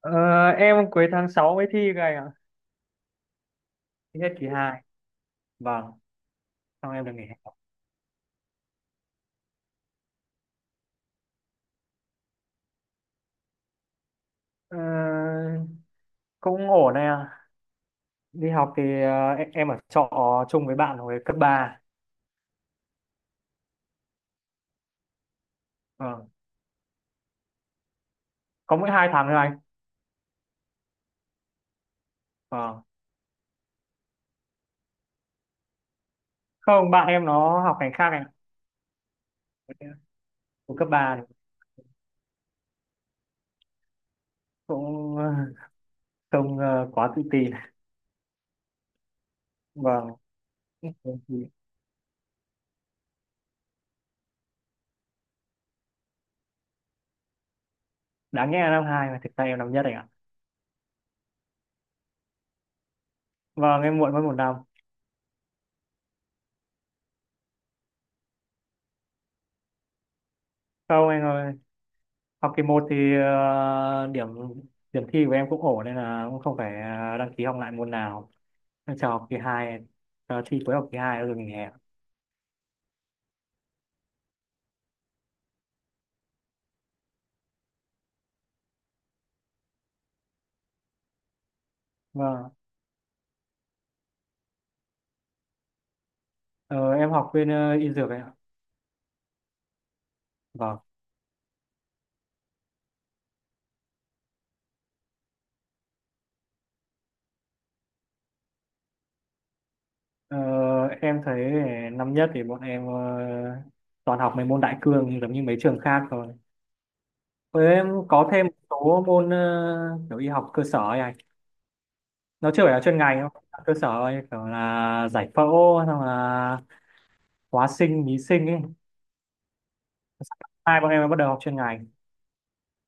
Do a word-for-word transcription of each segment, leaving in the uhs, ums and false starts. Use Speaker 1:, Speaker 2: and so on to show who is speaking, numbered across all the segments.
Speaker 1: Ờ, em cuối tháng sáu mới thi cái à? Thi hết kỳ hai. Vâng, xong em được nghỉ hè. Ờ, cũng ổn này à. Đi học thì ờ, em, em ở trọ chung với bạn hồi cấp ba. Vâng, có mỗi hai tháng thôi anh. Vâng. Không, bạn em nó học ngành khác anh ạ. Hồi cấp ba thì cũng ờ, không ờ, quá tự tin. Vâng. Đáng nhẽ là năm hai mà thực ra em năm nhất anh ạ. Vâng, em muộn mất một năm. Không anh ơi. Học kỳ một thì ờ, điểm điểm thi của em cũng ổn nên là cũng không phải ờ, đăng ký học lại môn nào. Em chờ học kỳ hai, chờ thi cuối học kỳ hai rồi nghỉ hè. Vâng, ờ, em học bên ờ, y dược ấy ạ. Vâng, ờ, em thấy năm nhất thì bọn em ờ, toàn học mấy môn đại cương giống như mấy trường khác thôi, với em có thêm một số môn ờ, kiểu y học cơ sở ấy anh. Nó chưa phải là chuyên ngành đâu, cơ sở ấy, kiểu là giải phẫu, xong là hóa sinh, lý sinh ấy. Hai bọn em mới bắt đầu học chuyên ngành,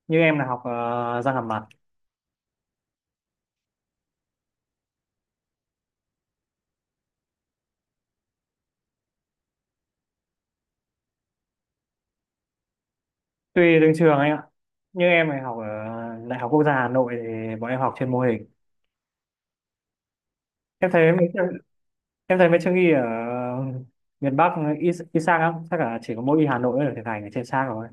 Speaker 1: như em là học ờ, răng hàm mặt. Tùy từng trường anh ạ. Như em này học ở Đại học Quốc gia Hà Nội thì bọn em học trên mô hình. em thấy mấy trường- em thấy mấy trường y ở miền Bắc, y, y sang lắm chắc là chỉ có mỗi y Hà Nội mới được thực hành ở trên sang rồi.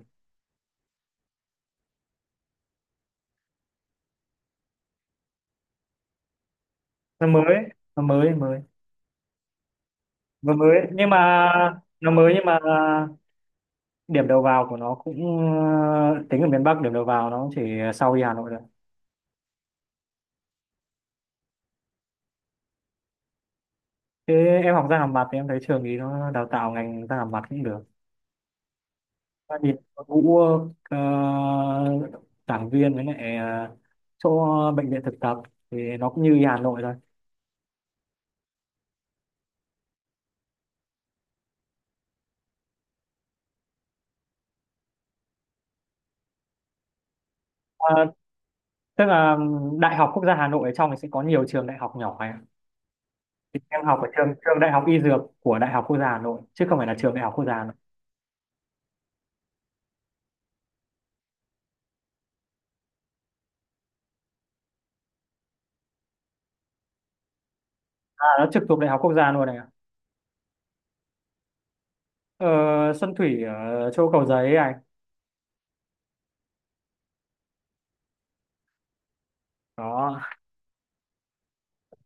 Speaker 1: Nó mới nó mới mới. nó mới nhưng mà nó mới nhưng mà điểm đầu vào của nó cũng ờ, tính ở miền Bắc điểm đầu vào nó cũng chỉ sau y Hà Nội rồi. Thế em học răng hàm mặt thì em thấy trường ý nó đào tạo ngành răng hàm mặt cũng được. Gia đình có Vũ ờ, giảng viên, với lại ờ, chỗ bệnh viện thực tập thì nó cũng như Hà Nội thôi. Ờ, tức là Đại học Quốc gia Hà Nội ở trong thì sẽ có nhiều trường đại học nhỏ ấy ạ. Thì em học ở trường trường Đại học Y Dược của Đại học Quốc gia Hà Nội chứ không phải là trường Đại học Quốc gia Hà Nội. À, nó trực thuộc Đại học Quốc gia luôn này ạ. Ờ, Xuân Thủy ở chỗ Cầu Giấy này. Đó,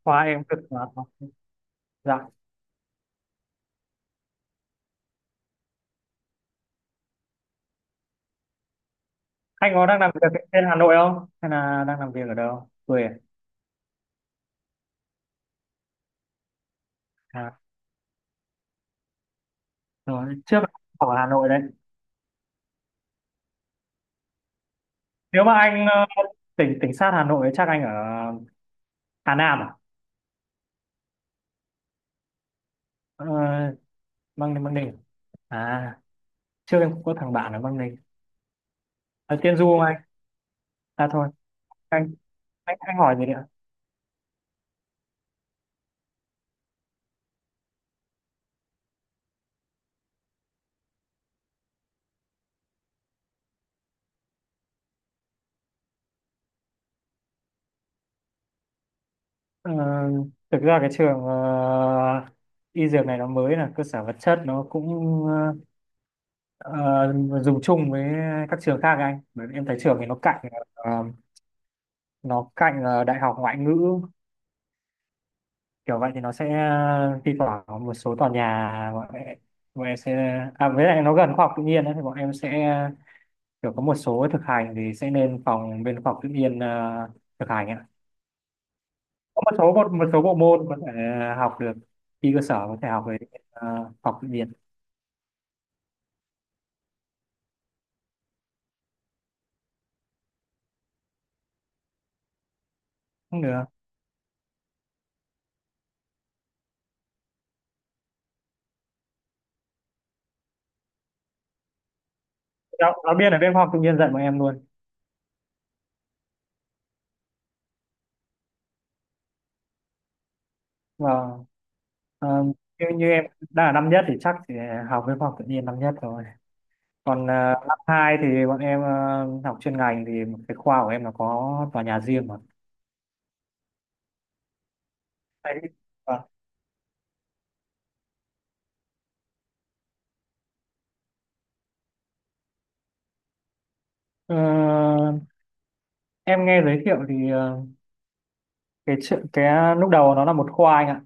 Speaker 1: khoa em cực mà. Dạ. Anh có đang làm việc ở trên Hà Nội không? Hay là đang làm việc ở đâu? Quê à? À, rồi. Trước ở Hà Nội đấy. Nếu mà anh ờ, tỉnh tỉnh sát Hà Nội chắc anh ở Hà Nam à? Ờ, Băng Ninh Băng Ninh à? Trước em cũng có thằng bạn ở Băng Ninh. Ở Tiên Du không anh? À thôi, anh anh anh hỏi gì nữa. Ờ, thực ra cái trường ờ, y dược này nó mới, là cơ sở vật chất nó cũng ờ, ờ, dùng chung với các trường khác anh, bởi vì em thấy trường thì nó cạnh ờ, nó cạnh ờ, đại học ngoại ngữ, kiểu vậy thì nó sẽ ờ, thi thoảng có một số tòa nhà bọn em, bọn em sẽ à với lại nó gần khoa học tự nhiên ấy, thì bọn em sẽ kiểu có một số thực hành thì sẽ lên phòng bên khoa học tự nhiên ờ, thực hành ạ. Có một số một, một số bộ môn có thể ờ, học được, khi cơ sở có thể học về ờ, học tự nhiên cũng được. Giáo, giáo viên ở bên khoa học tự nhiên dạy bọn em luôn và ờ, như, như em đang là năm nhất thì chắc thì học bên khoa học tự nhiên năm nhất rồi. Còn ờ, năm hai thì bọn em ờ, học chuyên ngành thì cái khoa của em là có tòa nhà riêng mà. Đấy. Vâng. Ờ, em nghe giới thiệu thì ờ, cái chữ- cái ờ, lúc đầu nó là một khoa anh ạ,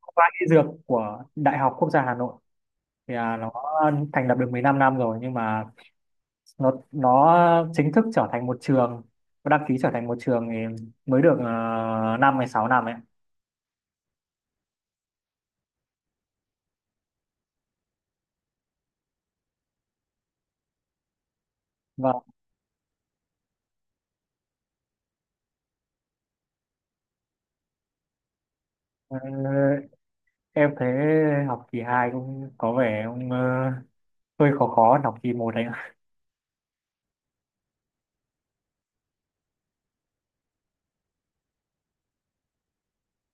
Speaker 1: khoa y dược của Đại học Quốc gia Hà Nội. Thì à, nó thành lập được mười lăm năm rồi, nhưng mà nó nó chính thức trở thành một trường, nó đăng ký trở thành một trường thì mới được uh, năm hay sáu năm ấy. Vâng, ờ, em thấy học kỳ hai cũng có vẻ ông ờ, hơi khó khó học kỳ một đấy ạ.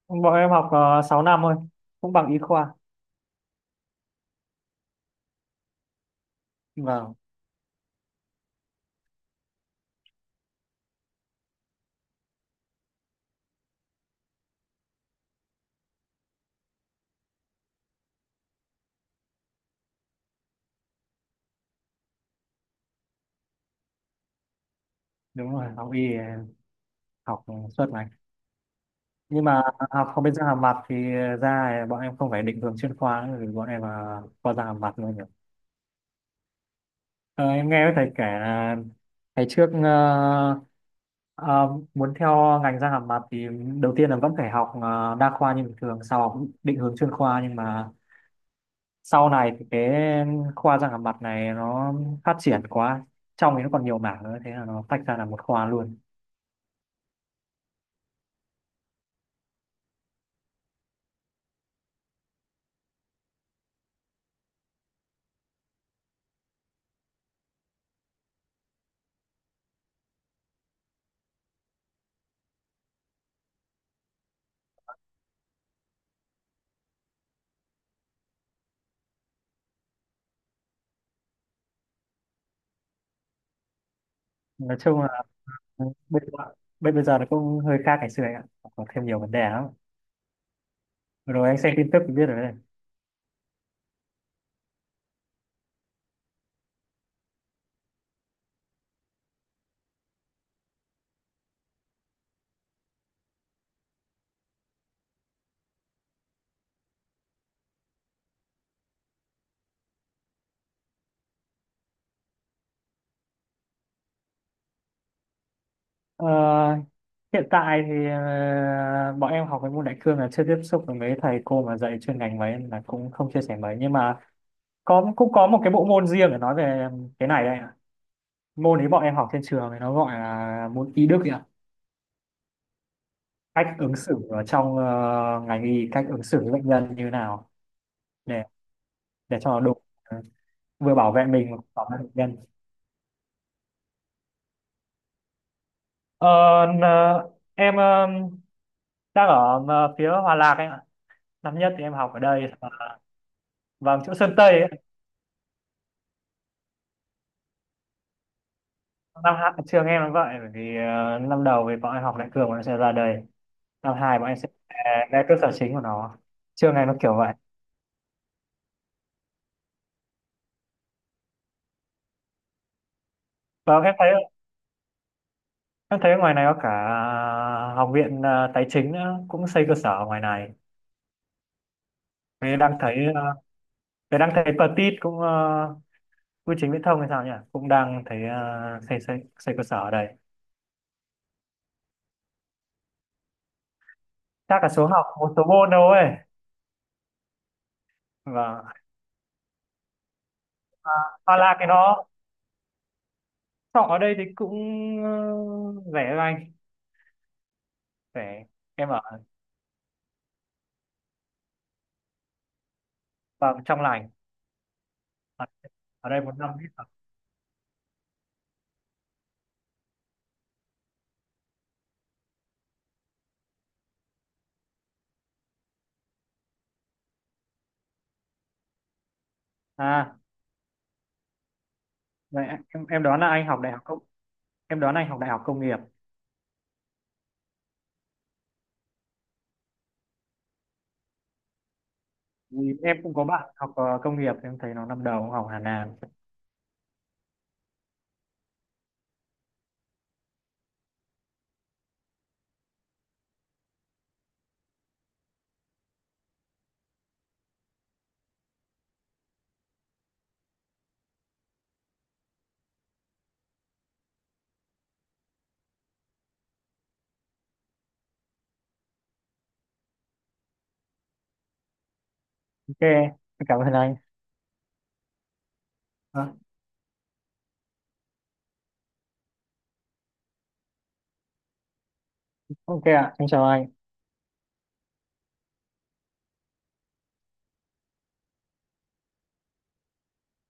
Speaker 1: Bọn em học uh, sáu năm thôi cũng bằng y khoa. Vâng, đúng rồi, học y ờ, học suốt ngày. Nhưng mà học không biết răng hàm mặt thì ra bọn em không phải định hướng chuyên khoa nữa, vì bọn em là khoa răng hàm mặt luôn. Ờ, em nghe thầy kể là ngày trước ờ, ờ, muốn theo ngành răng hàm mặt thì đầu tiên là vẫn phải học ờ, đa khoa như bình thường, sau học định hướng chuyên khoa, nhưng mà sau này thì cái khoa răng hàm mặt này nó phát triển quá, trong thì nó còn nhiều mảng nữa, thế là nó tách ra là một khoa luôn. Nói chung là bây giờ, bây bây giờ nó cũng hơi khác ngày xưa anh ạ, có thêm nhiều vấn đề lắm. Vừa rồi anh xem tin tức thì biết rồi đấy. Ờ, hiện tại thì ờ, bọn em học cái môn đại cương là chưa tiếp xúc với mấy thầy cô mà dạy chuyên ngành mấy nên là cũng không chia sẻ mấy, nhưng mà có, cũng có một cái bộ môn riêng để nói về cái này đây ạ. Môn ấy bọn em học trên trường thì nó gọi là môn y đức ấy ạ. Cách ứng xử ở trong ờ, ngành y, cách ứng xử với bệnh nhân như nào để để cho nó đúng, ờ, vừa bảo vệ mình mà cũng bảo vệ bệnh nhân. Ờ, n- ờ, em ờ, đang ở ờ, phía Hòa Lạc anh ạ. Năm nhất thì em học ở đây. Vâng, chỗ Sơn Tây ấy ạ. Năm hai trường em nó vậy, bởi vì ờ, năm đầu thì bọn em học đại cương, bọn em sẽ ra đây. Năm hai bọn em sẽ ờ, ra cơ sở chính của nó, trường này nó kiểu vậy. Và em thấy, em thấy ngoài này có cả ờ, học viện ờ, tài chính nữa cũng xây cơ sở ở ngoài này. Thế đang thấy uh, thế đang thấy Petit cũng ờ, bưu chính viễn thông hay sao nhỉ, cũng đang thấy ờ, xây xây xây cơ sở ở đây. Chắc là số học một số môn đâu ấy. và Hoặc là cái nó học ở đây thì cũng ờ, rẻ lành, rẻ em ở, vâng, trong lành. Ở đây một năm hết rồi. À vậy em em đoán là anh học đại học công, em đoán anh học đại học công nghiệp. Vì em cũng có bạn học ờ, công nghiệp, em thấy nó năm đầu cũng học Hà Nam. Ok em, cảm ơn anh. Vâng, ok ạ, em chào anh.